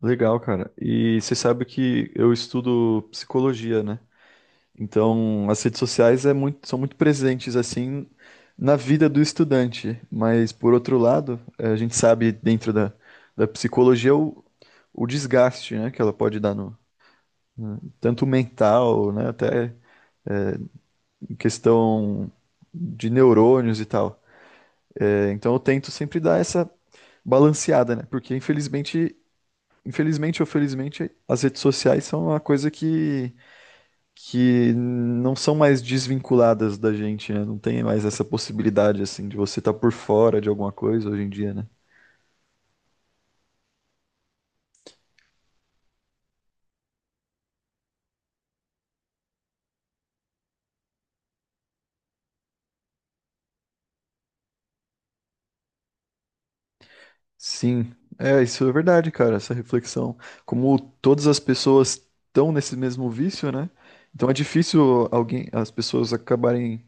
Legal, cara. E você sabe que eu estudo psicologia, né? Então, as redes sociais são muito presentes, assim, na vida do estudante. Mas, por outro lado, a gente sabe, dentro da psicologia, o desgaste, né, que ela pode dar no, né, tanto mental, né, até em questão de neurônios e tal. É, então, eu tento sempre dar essa balanceada, né? Porque, infelizmente ou felizmente, as redes sociais são uma coisa que não são mais desvinculadas da gente, né? Não tem mais essa possibilidade, assim, de você estar por fora de alguma coisa hoje em dia, né? Sim, é, isso é verdade, cara, essa reflexão. Como todas as pessoas estão nesse mesmo vício, né? Então é difícil alguém, as pessoas acabarem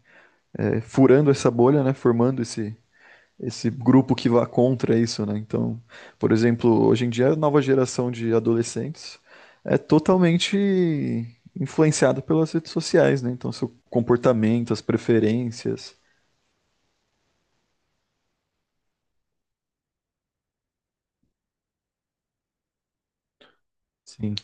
furando essa bolha, né? Formando esse grupo que vá contra isso, né? Então, por exemplo, hoje em dia a nova geração de adolescentes é totalmente influenciada pelas redes sociais, né? Então, seu comportamento, as preferências. Sim,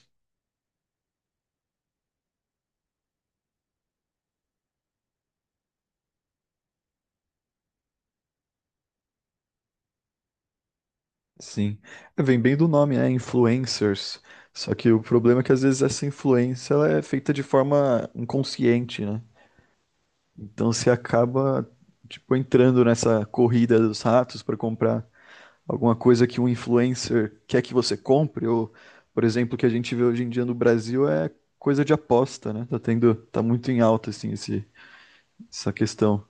sim. É, vem bem do nome, é influencers. Só que o problema é que às vezes essa influência ela é feita de forma inconsciente, né? Então você acaba tipo entrando nessa corrida dos ratos para comprar alguma coisa que um influencer quer que você compre, ou, por exemplo, o que a gente vê hoje em dia no Brasil é coisa de aposta, né? Tá tendo, tá muito em alta, assim, essa questão.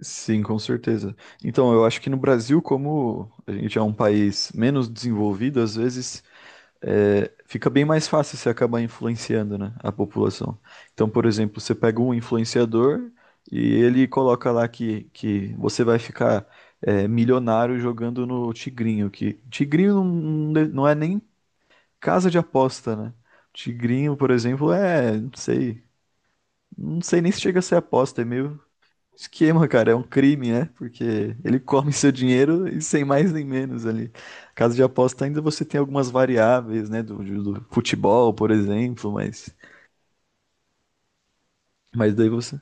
Sim, com certeza. Então, eu acho que no Brasil, como a gente é um país menos desenvolvido, às vezes fica bem mais fácil você acabar influenciando, né, a população. Então, por exemplo, você pega um influenciador e ele coloca lá que você vai ficar milionário jogando no Tigrinho, que Tigrinho não é nem casa de aposta, né? Tigrinho, por exemplo, não sei, não sei nem se chega a ser aposta, é meio. Esquema, cara, é um crime, né? Porque ele come seu dinheiro e sem mais nem menos ali. Caso de aposta, ainda você tem algumas variáveis, né? Do futebol, por exemplo, mas daí você.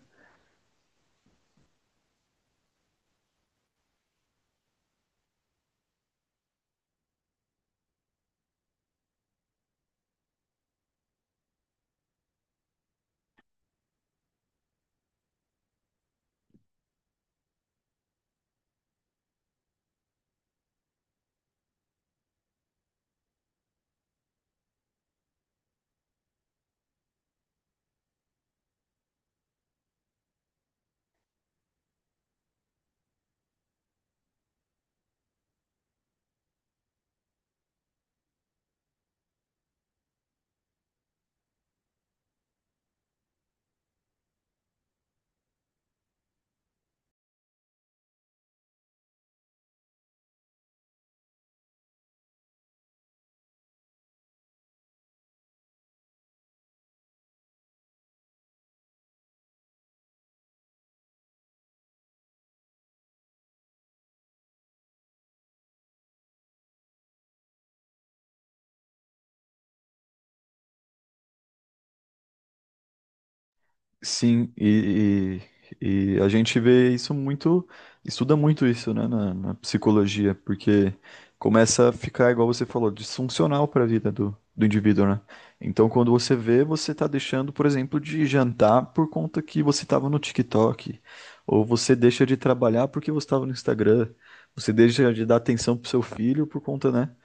Sim, e a gente vê isso muito, estuda muito isso, né, na psicologia, porque começa a ficar, igual você falou, disfuncional para a vida do indivíduo, né? Então, quando você vê, você tá deixando, por exemplo, de jantar por conta que você estava no TikTok, ou você deixa de trabalhar porque você estava no Instagram, você deixa de dar atenção pro seu filho por conta, né,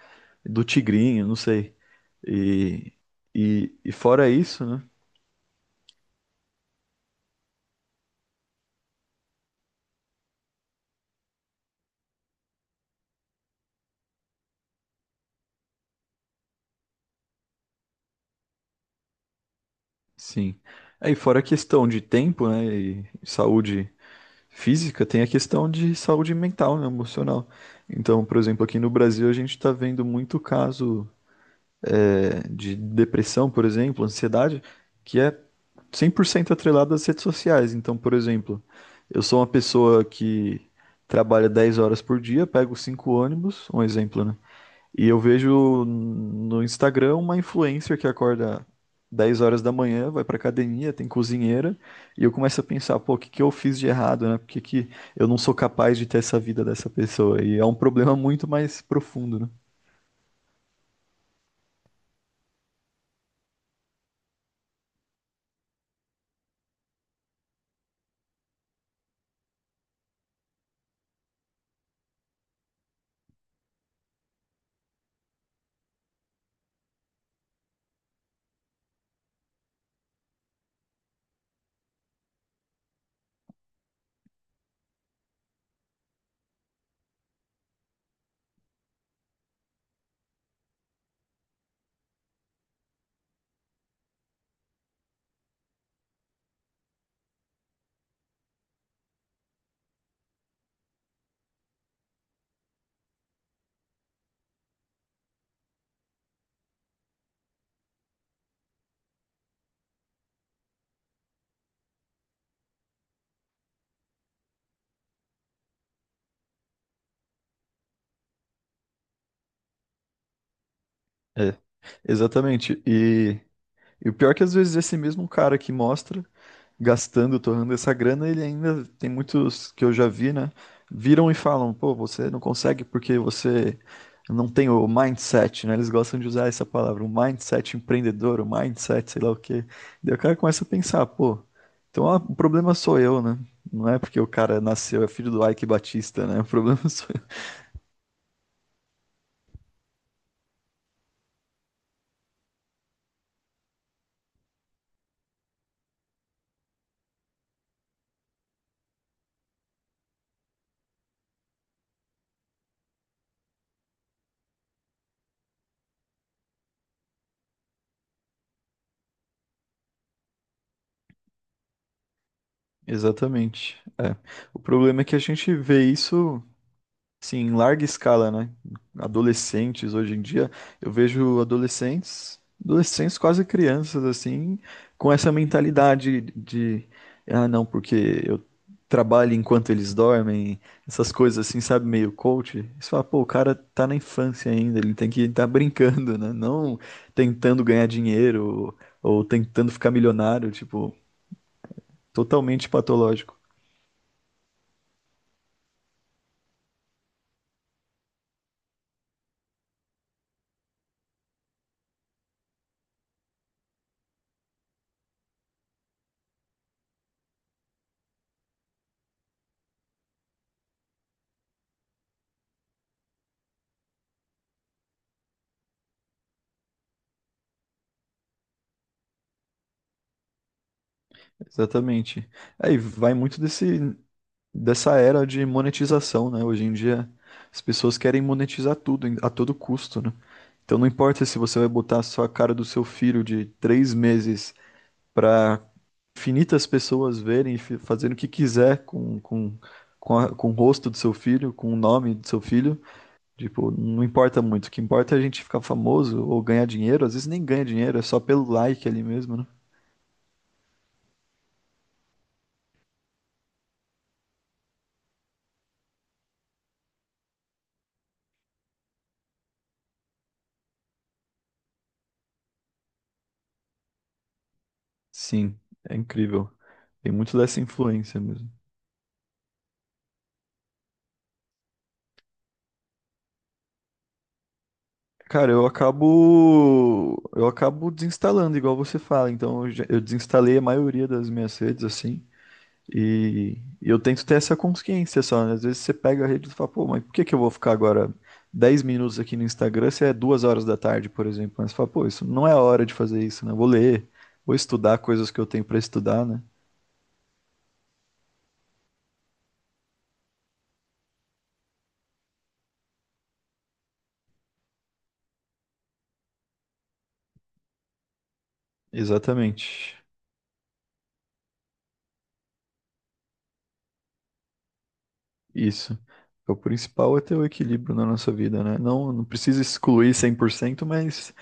do tigrinho, não sei. E, e fora isso, né? Sim. Aí, fora a questão de tempo, né, e saúde física, tem a questão de saúde mental, né, emocional. Então, por exemplo, aqui no Brasil a gente está vendo muito caso de depressão, por exemplo, ansiedade, que é 100% atrelado às redes sociais. Então, por exemplo, eu sou uma pessoa que trabalha 10 horas por dia, pego cinco ônibus, um exemplo, né? E eu vejo no Instagram uma influencer que acorda 10 horas da manhã, vai pra academia, tem cozinheira, e eu começo a pensar, pô, o que que eu fiz de errado, né? Por que que eu não sou capaz de ter essa vida dessa pessoa? E é um problema muito mais profundo, né? É, exatamente. E o pior é que às vezes esse mesmo cara que mostra gastando, torrando essa grana, ele ainda tem muitos que eu já vi, né? Viram e falam, pô, você não consegue porque você não tem o mindset, né? Eles gostam de usar essa palavra, o mindset empreendedor, o mindset, sei lá o quê. Daí o cara começa a pensar, pô, então ah, o problema sou eu, né? Não é porque o cara nasceu, é filho do Ike Batista, né? O problema sou eu. Exatamente. O problema é que a gente vê isso, sim, em larga escala, né? Adolescentes hoje em dia, eu vejo adolescentes, adolescentes quase crianças assim, com essa mentalidade de, ah, não, porque eu trabalho enquanto eles dormem, essas coisas assim, sabe, meio coach. Você fala, pô, o cara tá na infância ainda, ele tem que estar brincando, né? Não tentando ganhar dinheiro ou tentando ficar milionário, tipo, totalmente patológico. Exatamente. Aí vai muito desse. Dessa era de monetização, né? Hoje em dia as pessoas querem monetizar tudo a todo custo, né? Então não importa se você vai botar só a cara do seu filho de 3 meses para infinitas pessoas verem e fazerem o que quiser com o rosto do seu filho, com o nome do seu filho. Tipo, não importa muito. O que importa é a gente ficar famoso ou ganhar dinheiro. Às vezes nem ganha dinheiro, é só pelo like ali mesmo, né? Sim, é incrível. Tem muito dessa influência mesmo. Cara, eu acabo desinstalando, igual você fala. Então eu desinstalei a maioria das minhas redes assim, e eu tento ter essa consciência só, né? Às vezes você pega a rede e fala, pô, mas por que que eu vou ficar agora 10 minutos aqui no Instagram se é 2 horas da tarde, por exemplo? Mas você fala, pô, isso não é a hora de fazer isso, né? Eu vou ler, vou estudar coisas que eu tenho pra estudar, né? Exatamente. Isso. O principal é ter o equilíbrio na nossa vida, né? Não, não precisa excluir 100%, mas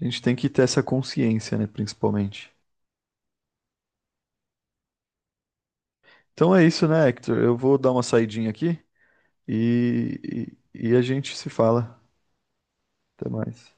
a gente tem que ter essa consciência, né, principalmente. Então é isso, né, Hector? Eu vou dar uma saidinha aqui e a gente se fala. Até mais.